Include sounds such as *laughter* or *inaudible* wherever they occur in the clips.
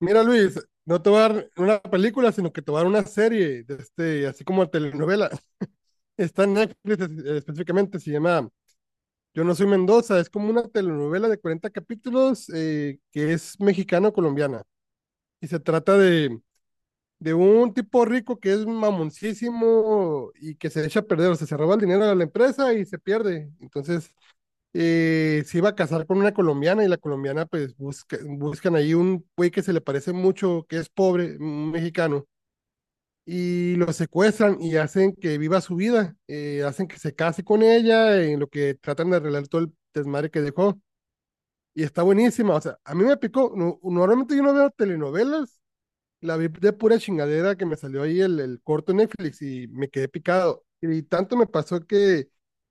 Mira, Luis, no te va a dar una película, sino que te va a dar una serie, de este, así como telenovela. *laughs* Está en Netflix, específicamente, se llama Yo no soy Mendoza. Es como una telenovela de 40 capítulos, que es mexicano-colombiana. Y se trata de un tipo rico que es mamoncísimo y que se echa a perder, o sea, se roba el dinero de la empresa y se pierde. Entonces, se iba a casar con una colombiana y la colombiana, pues, buscan ahí un güey que se le parece mucho, que es pobre, un mexicano y lo secuestran y hacen que viva su vida, hacen que se case con ella, en lo que tratan de arreglar todo el desmadre que dejó. Y está buenísima, o sea, a mí me picó, normalmente yo no veo telenovelas, la vi de pura chingadera que me salió ahí el corto en Netflix y me quedé picado. Y tanto me pasó que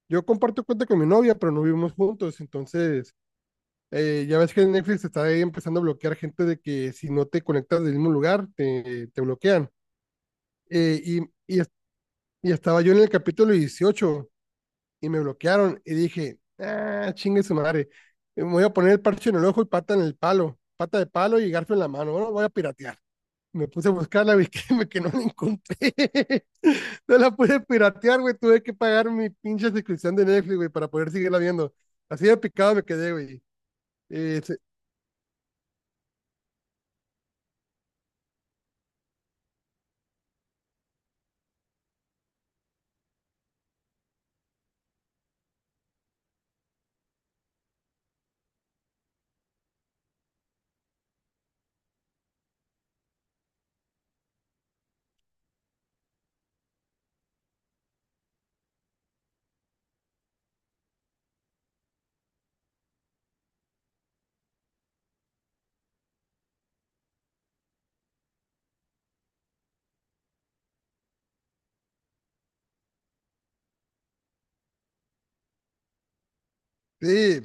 yo comparto cuenta con mi novia, pero no vivimos juntos, entonces ya ves que en Netflix está ahí empezando a bloquear gente de que si no te conectas del mismo lugar, te bloquean. Eh, y, y y estaba yo en el capítulo 18 y me bloquearon y dije, ah, chingue su madre, me voy a poner el parche en el ojo y pata en el palo, pata de palo y garfio en la mano, bueno, voy a piratear. Me puse a buscarla vi que, *laughs* que no la encontré. *laughs* No la pude piratear, güey. Tuve que pagar mi pinche suscripción de Netflix, güey, para poder seguirla viendo. Así de picado me quedé, güey. Eh, se- sí,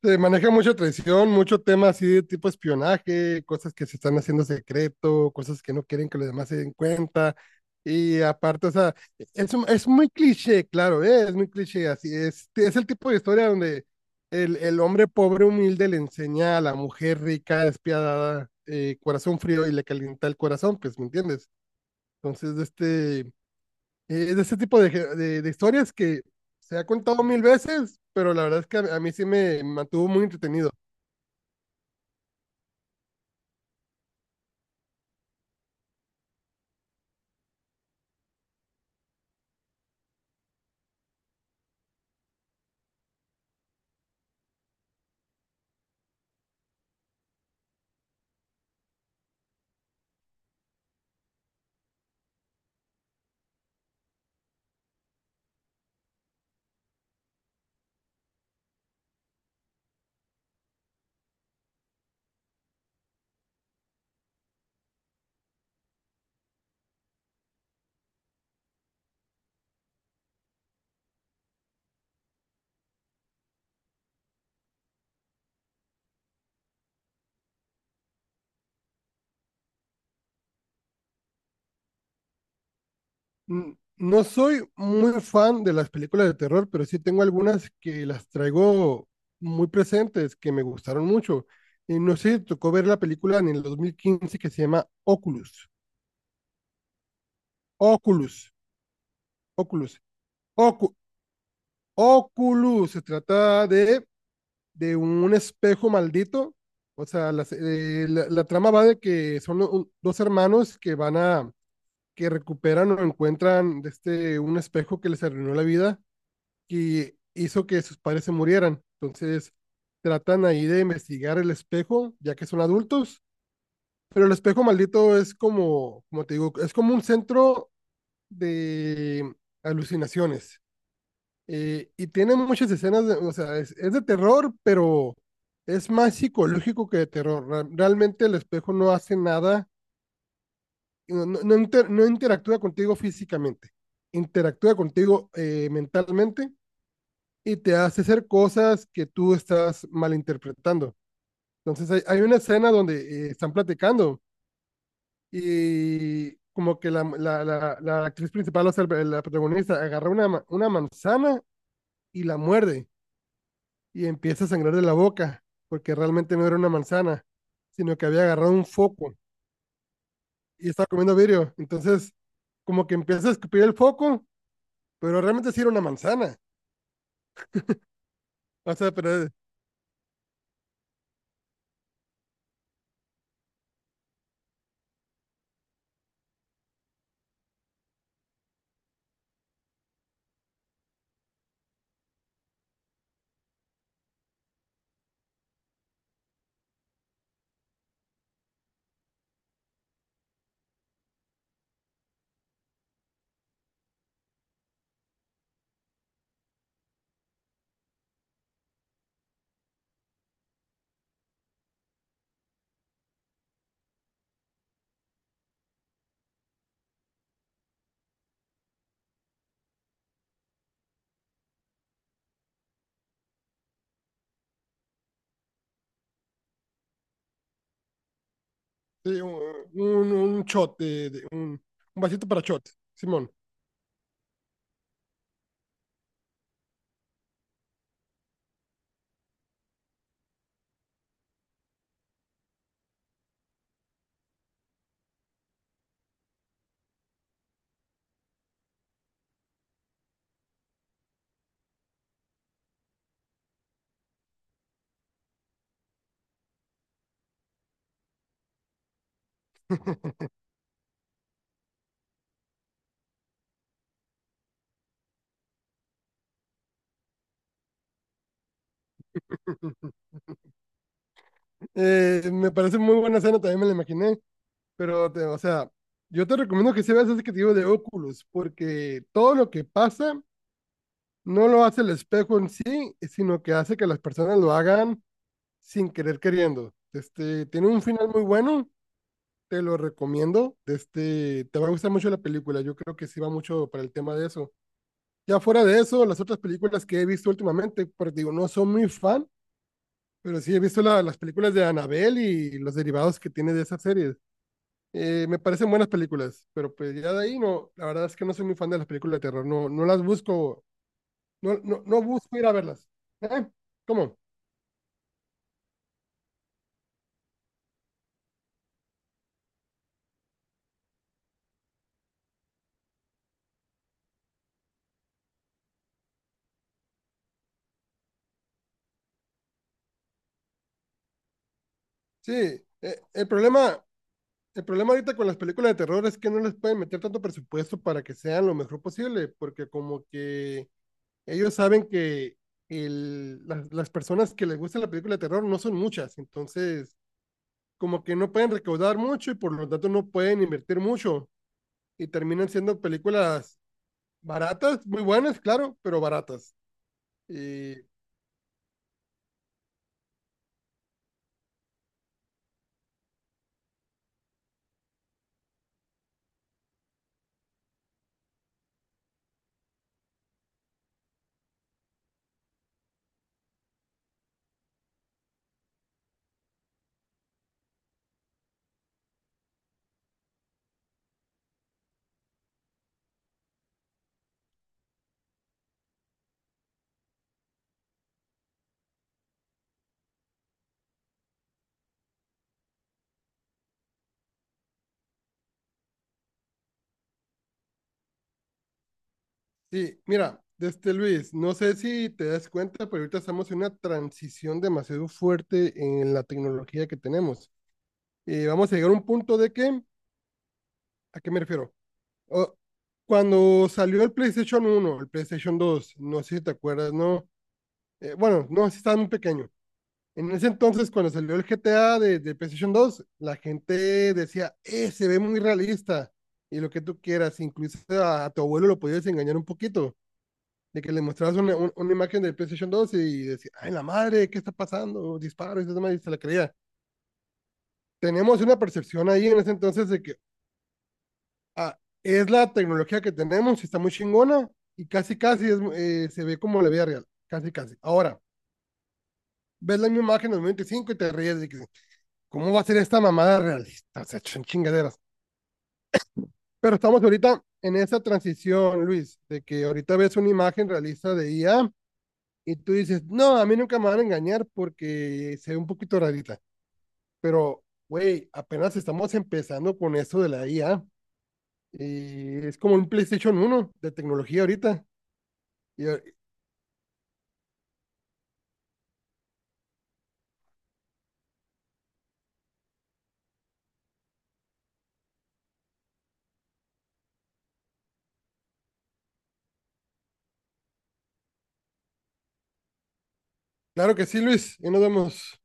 se maneja mucha traición, mucho tema así de tipo espionaje, cosas que se están haciendo secreto, cosas que no quieren que los demás se den cuenta. Y aparte, o sea, es muy cliché, claro, ¿eh? Es muy cliché. Así es el tipo de historia donde el hombre pobre humilde le enseña a la mujer rica, despiadada, corazón frío y le calienta el corazón, pues, ¿me entiendes? Entonces, de este, es de este tipo de, ge- de historias que se ha contado mil veces, pero la verdad es que a mí sí me mantuvo muy entretenido. Mm, no soy muy fan de las películas de terror, pero sí tengo algunas que las traigo muy presentes, que me gustaron mucho. Y no sé si te tocó ver la película en el 2015 que se llama Oculus. Oculus, Oculus, Ocu- Oculus. Se trata de un espejo maldito. O sea, la trama va de que son dos hermanos que que recuperan o encuentran este, un espejo que les arruinó la vida, que hizo que sus padres se murieran. Entonces tratan ahí de investigar el espejo, ya que son adultos, pero el espejo maldito es como, como te digo, es como un centro de alucinaciones. Y tiene muchas escenas, o sea, es de terror, pero es más psicológico que de terror. Realmente el espejo no hace nada, no interactúa contigo físicamente, interactúa contigo mentalmente y te hace hacer cosas que tú estás malinterpretando. Entonces hay una escena donde están platicando y como que la actriz principal, o sea, la protagonista, agarra una manzana y la muerde y empieza a sangrar de la boca porque realmente no era una manzana, sino que había agarrado un foco y estaba comiendo vidrio. Entonces, como que empieza a escupir el foco, pero realmente sí era una manzana. O sea, pero sí, un shot, un vasito para shot, Simón. *laughs* Me parece muy buena escena, también me la imaginé, pero, o sea, yo te recomiendo que se veas ese que te digo de Oculus, porque todo lo que pasa no lo hace el espejo en sí, sino que hace que las personas lo hagan sin querer queriendo. Este, tiene un final muy bueno, te lo recomiendo. Este, te va a gustar mucho la película, yo creo que sí va mucho para el tema de eso. Ya fuera de eso, las otras películas que he visto últimamente, pues digo, no soy muy fan, pero sí he visto las películas de Annabelle y los derivados que tiene de esas series. Me parecen buenas películas, pero pues ya de ahí no, la verdad es que no soy muy fan de las películas de terror, no, no las busco, no, no, no busco ir a verlas. ¿Eh? ¿Cómo? Sí, eh, el problema, el problema ahorita con las películas de terror es que no les pueden meter tanto presupuesto para que sean lo mejor posible, porque como que ellos saben que las personas que les gusta la película de terror no son muchas, entonces como que no pueden recaudar mucho y por lo tanto no pueden invertir mucho y terminan siendo películas baratas, muy buenas, claro, pero baratas. Y sí, mira, este Luis, no sé si te das cuenta, pero ahorita estamos en una transición demasiado fuerte en la tecnología que tenemos. Y vamos a llegar a un punto de que, ¿a qué me refiero? o- Cuando salió el PlayStation 1, el PlayStation 2, no sé si te acuerdas, ¿no? Bueno, no, sí estaba muy pequeño. En ese entonces, cuando salió el GTA de PlayStation 2, la gente decía, se ve muy realista. Y lo que tú quieras, incluso a tu abuelo lo podías engañar un poquito, de que le mostrabas una imagen del PlayStation 2 y decía, ay, la madre, ¿qué está pasando? Disparo, y eso demás, y se la creía. Tenemos una percepción ahí en ese entonces de que, ah, es la tecnología que tenemos, está muy chingona y casi casi es, se ve como la vida real, casi casi. Ahora, ves la misma imagen del 95 y cinco y te ríes de que, ¿cómo va a ser esta mamada realista? O sea, son chingaderas. Pero estamos ahorita en esa transición, Luis, de que ahorita ves una imagen realista de IA y tú dices, no, a mí nunca me van a engañar porque se ve un poquito rarita. Pero, güey, apenas estamos empezando con eso de la IA. Y es como un PlayStation 1 de tecnología ahorita. Y, Claro que sí, Luis, y nos vemos.